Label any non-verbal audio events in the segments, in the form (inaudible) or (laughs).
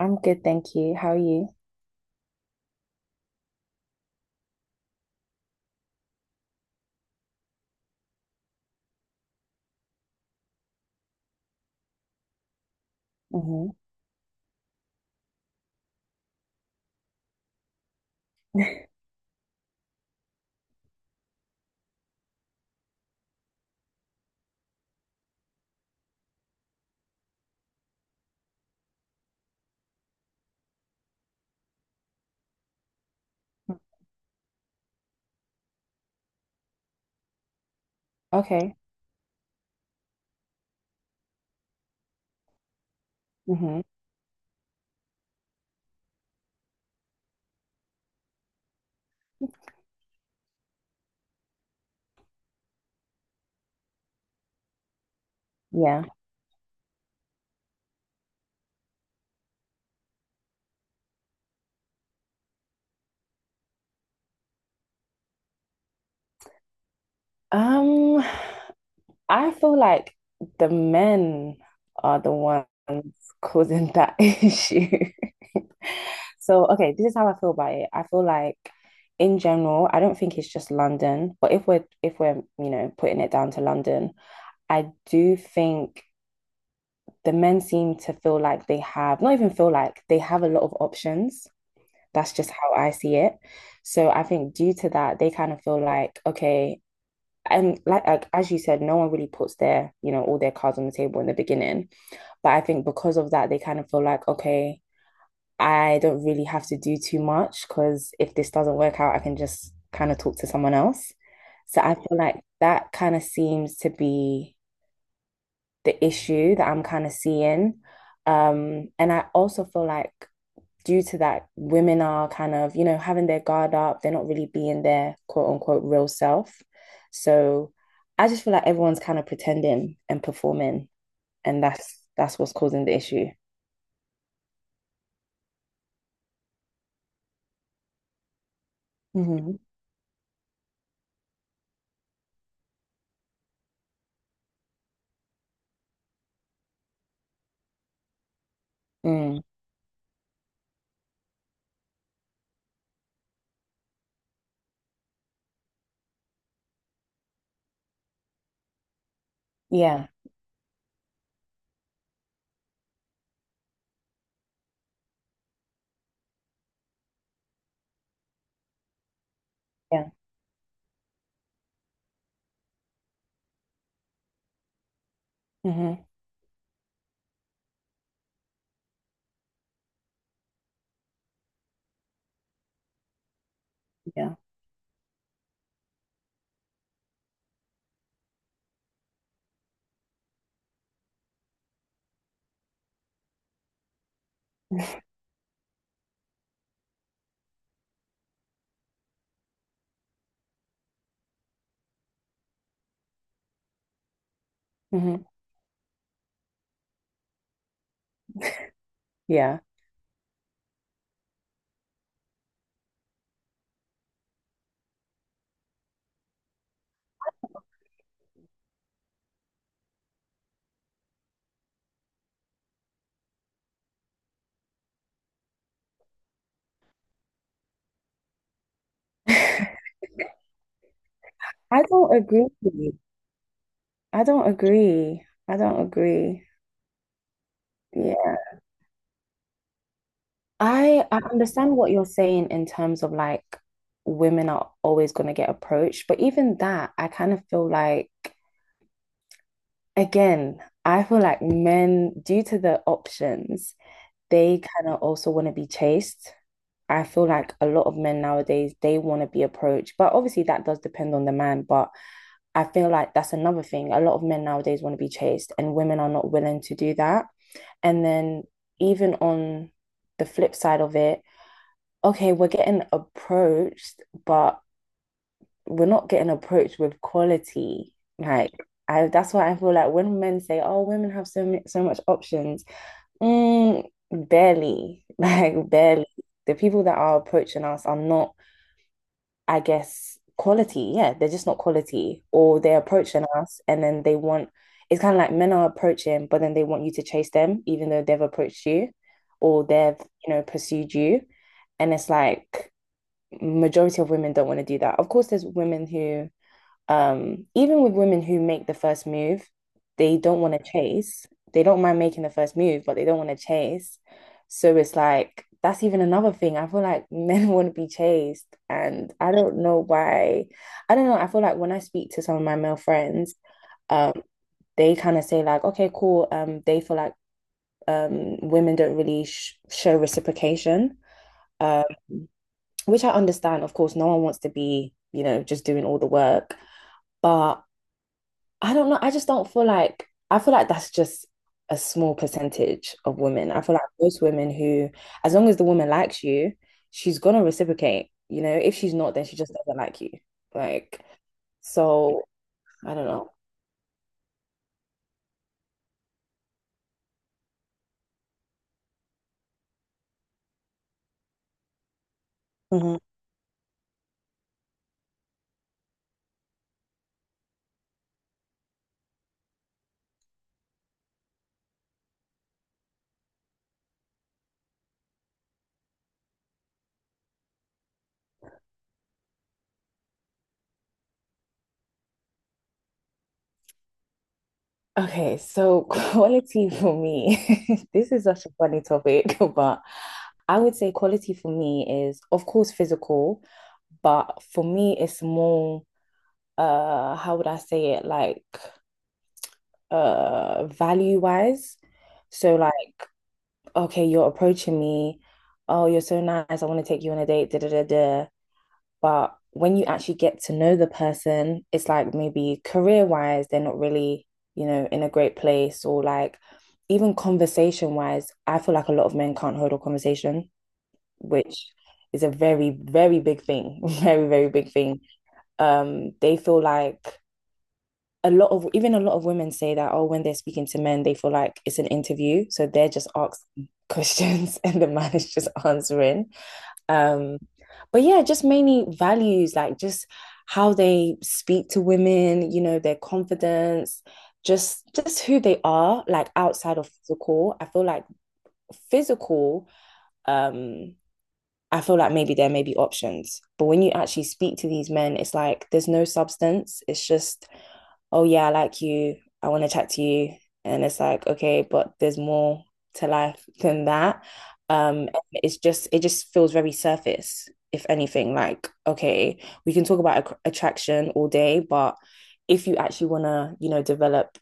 I'm good, thank you. How are you? Hmm. Okay. Hmm. Yeah. Um, I feel like the men are the ones causing that (laughs) issue. So, okay, this is how I feel about it. I feel like in general, I don't think it's just London, but if we're, you know, putting it down to London, I do think the men seem to feel like they have, not even feel like they have a lot of options. That's just how I see it. So I think due to that, they kind of feel like, okay, and like as you said, no one really puts their, you know, all their cards on the table in the beginning. But I think because of that, they kind of feel like, okay, I don't really have to do too much because if this doesn't work out, I can just kind of talk to someone else. So I feel like that kind of seems to be the issue that I'm kind of seeing. And I also feel like due to that, women are kind of, you know, having their guard up. They're not really being their quote unquote real self. So I just feel like everyone's kind of pretending and performing, and that's what's causing the issue. Mm-hmm. Mm. Yeah, yeah, hmm, yeah, (laughs) hmm, yeah. (laughs) I don't agree. I don't agree. I don't agree. Yeah. I understand what you're saying in terms of like women are always going to get approached, but even that, I kind of feel like again, I feel like men, due to the options, they kind of also want to be chased. I feel like a lot of men nowadays, they want to be approached, but obviously that does depend on the man. But I feel like that's another thing. A lot of men nowadays want to be chased, and women are not willing to do that. And then even on the flip side of it, okay, we're getting approached, but we're not getting approached with quality. Like I, that's why I feel like when men say, "Oh, women have so many, so much options," mm, barely, (laughs) like barely. The people that are approaching us are not, I guess, quality. Yeah, they're just not quality, or they're approaching us and then they want. It's kind of like men are approaching, but then they want you to chase them, even though they've approached you, or they've, you know, pursued you, and it's like majority of women don't want to do that. Of course, there's women who, even with women who make the first move, they don't want to chase. They don't mind making the first move, but they don't want to chase. So it's like that's even another thing. I feel like (laughs) men want to be chased, and I don't know why. I don't know. I feel like when I speak to some of my male friends, um, they kind of say like, "Okay, cool." They feel like women don't really sh show reciprocation. Um, which I understand, of course, no one wants to be, you know, just doing all the work. But I don't know. I just don't feel like, I feel like that's just a small percentage of women. I feel like most women who, as long as the woman likes you, she's gonna reciprocate. You know, if she's not, then she just doesn't like you. Like, so I don't know. Mm-hmm. Okay, so (laughs) quality for me, (laughs) this is such a funny topic, (laughs) but I would say quality for me is, of course, physical, but for me, it's more, how would I say it, like, value-wise. So, like, okay, you're approaching me. Oh, you're so nice. I want to take you on a date. Da, da, da, da. But when you actually get to know the person, it's like maybe career wise, they're not really, you know, in a great place or like even conversation wise, I feel like a lot of men can't hold a conversation, which is a very, very big thing. (laughs) Very, very big thing. They feel like a lot of even a lot of women say that, oh, when they're speaking to men, they feel like it's an interview. So they're just asking (laughs) questions and the man is just answering. Um, but yeah, just mainly values, like just how they speak to women, you know, their confidence, just who they are, like outside of physical. I feel like physical, um, I feel like maybe there may be options. But when you actually speak to these men, it's like there's no substance. It's just oh yeah, I like you, I want to chat to you. And it's like, okay, but there's more to life than that. It's just it just feels very surface, if anything. Like, okay, we can talk about ac attraction all day, but if you actually want to, you know, develop,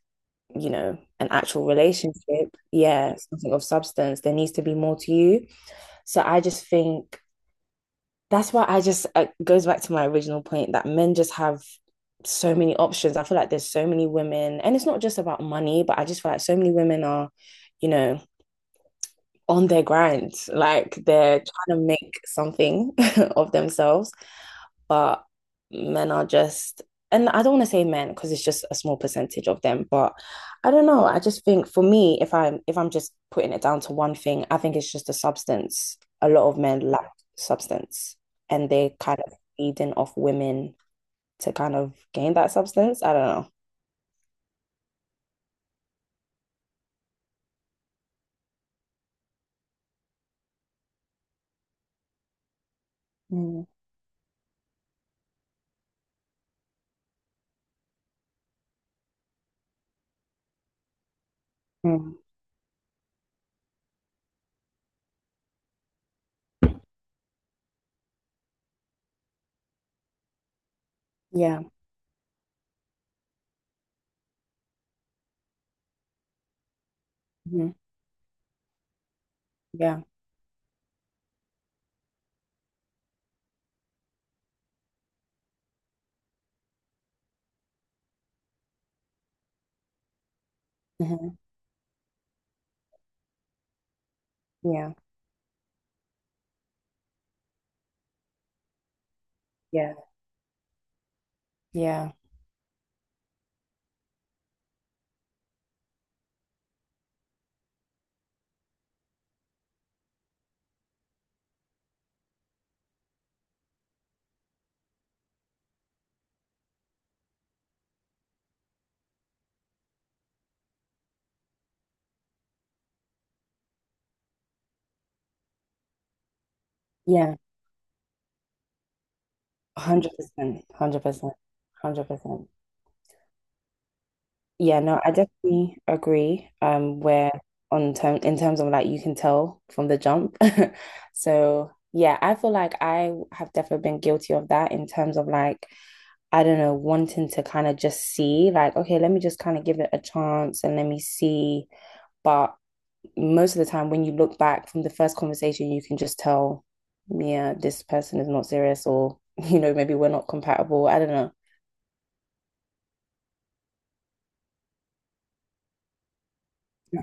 you know, an actual relationship, yeah, something of substance, there needs to be more to you. So I just think that's why I just it goes back to my original point that men just have so many options. I feel like there's so many women, and it's not just about money, but I just feel like so many women are, you know, on their grind, like they're trying to make something (laughs) of themselves but men are just, and I don't want to say men because it's just a small percentage of them, but I don't know. I just think for me, if I'm just putting it down to one thing, I think it's just a substance. A lot of men lack substance, and they kind of feeding off women to kind of gain that substance. I don't know. Mm-hmm. Yeah. Mm-hmm. Yeah. Mm-hmm. Yeah. Yeah. Yeah. Yeah. 100%. 100%. 100%. Yeah, no, I definitely agree. Where on term in terms of like you can tell from the jump. (laughs) So yeah, I feel like I have definitely been guilty of that in terms of like, I don't know, wanting to kind of just see, like, okay, let me just kind of give it a chance and let me see. But most of the time when you look back from the first conversation, you can just tell, yeah, this person is not serious or, (laughs) you know, maybe we're not compatible. I don't know. Yeah.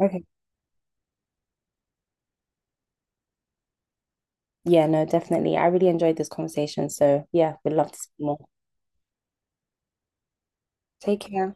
Okay. Yeah, no, definitely. I really enjoyed this conversation. So, yeah, we'd love to see more. Take care.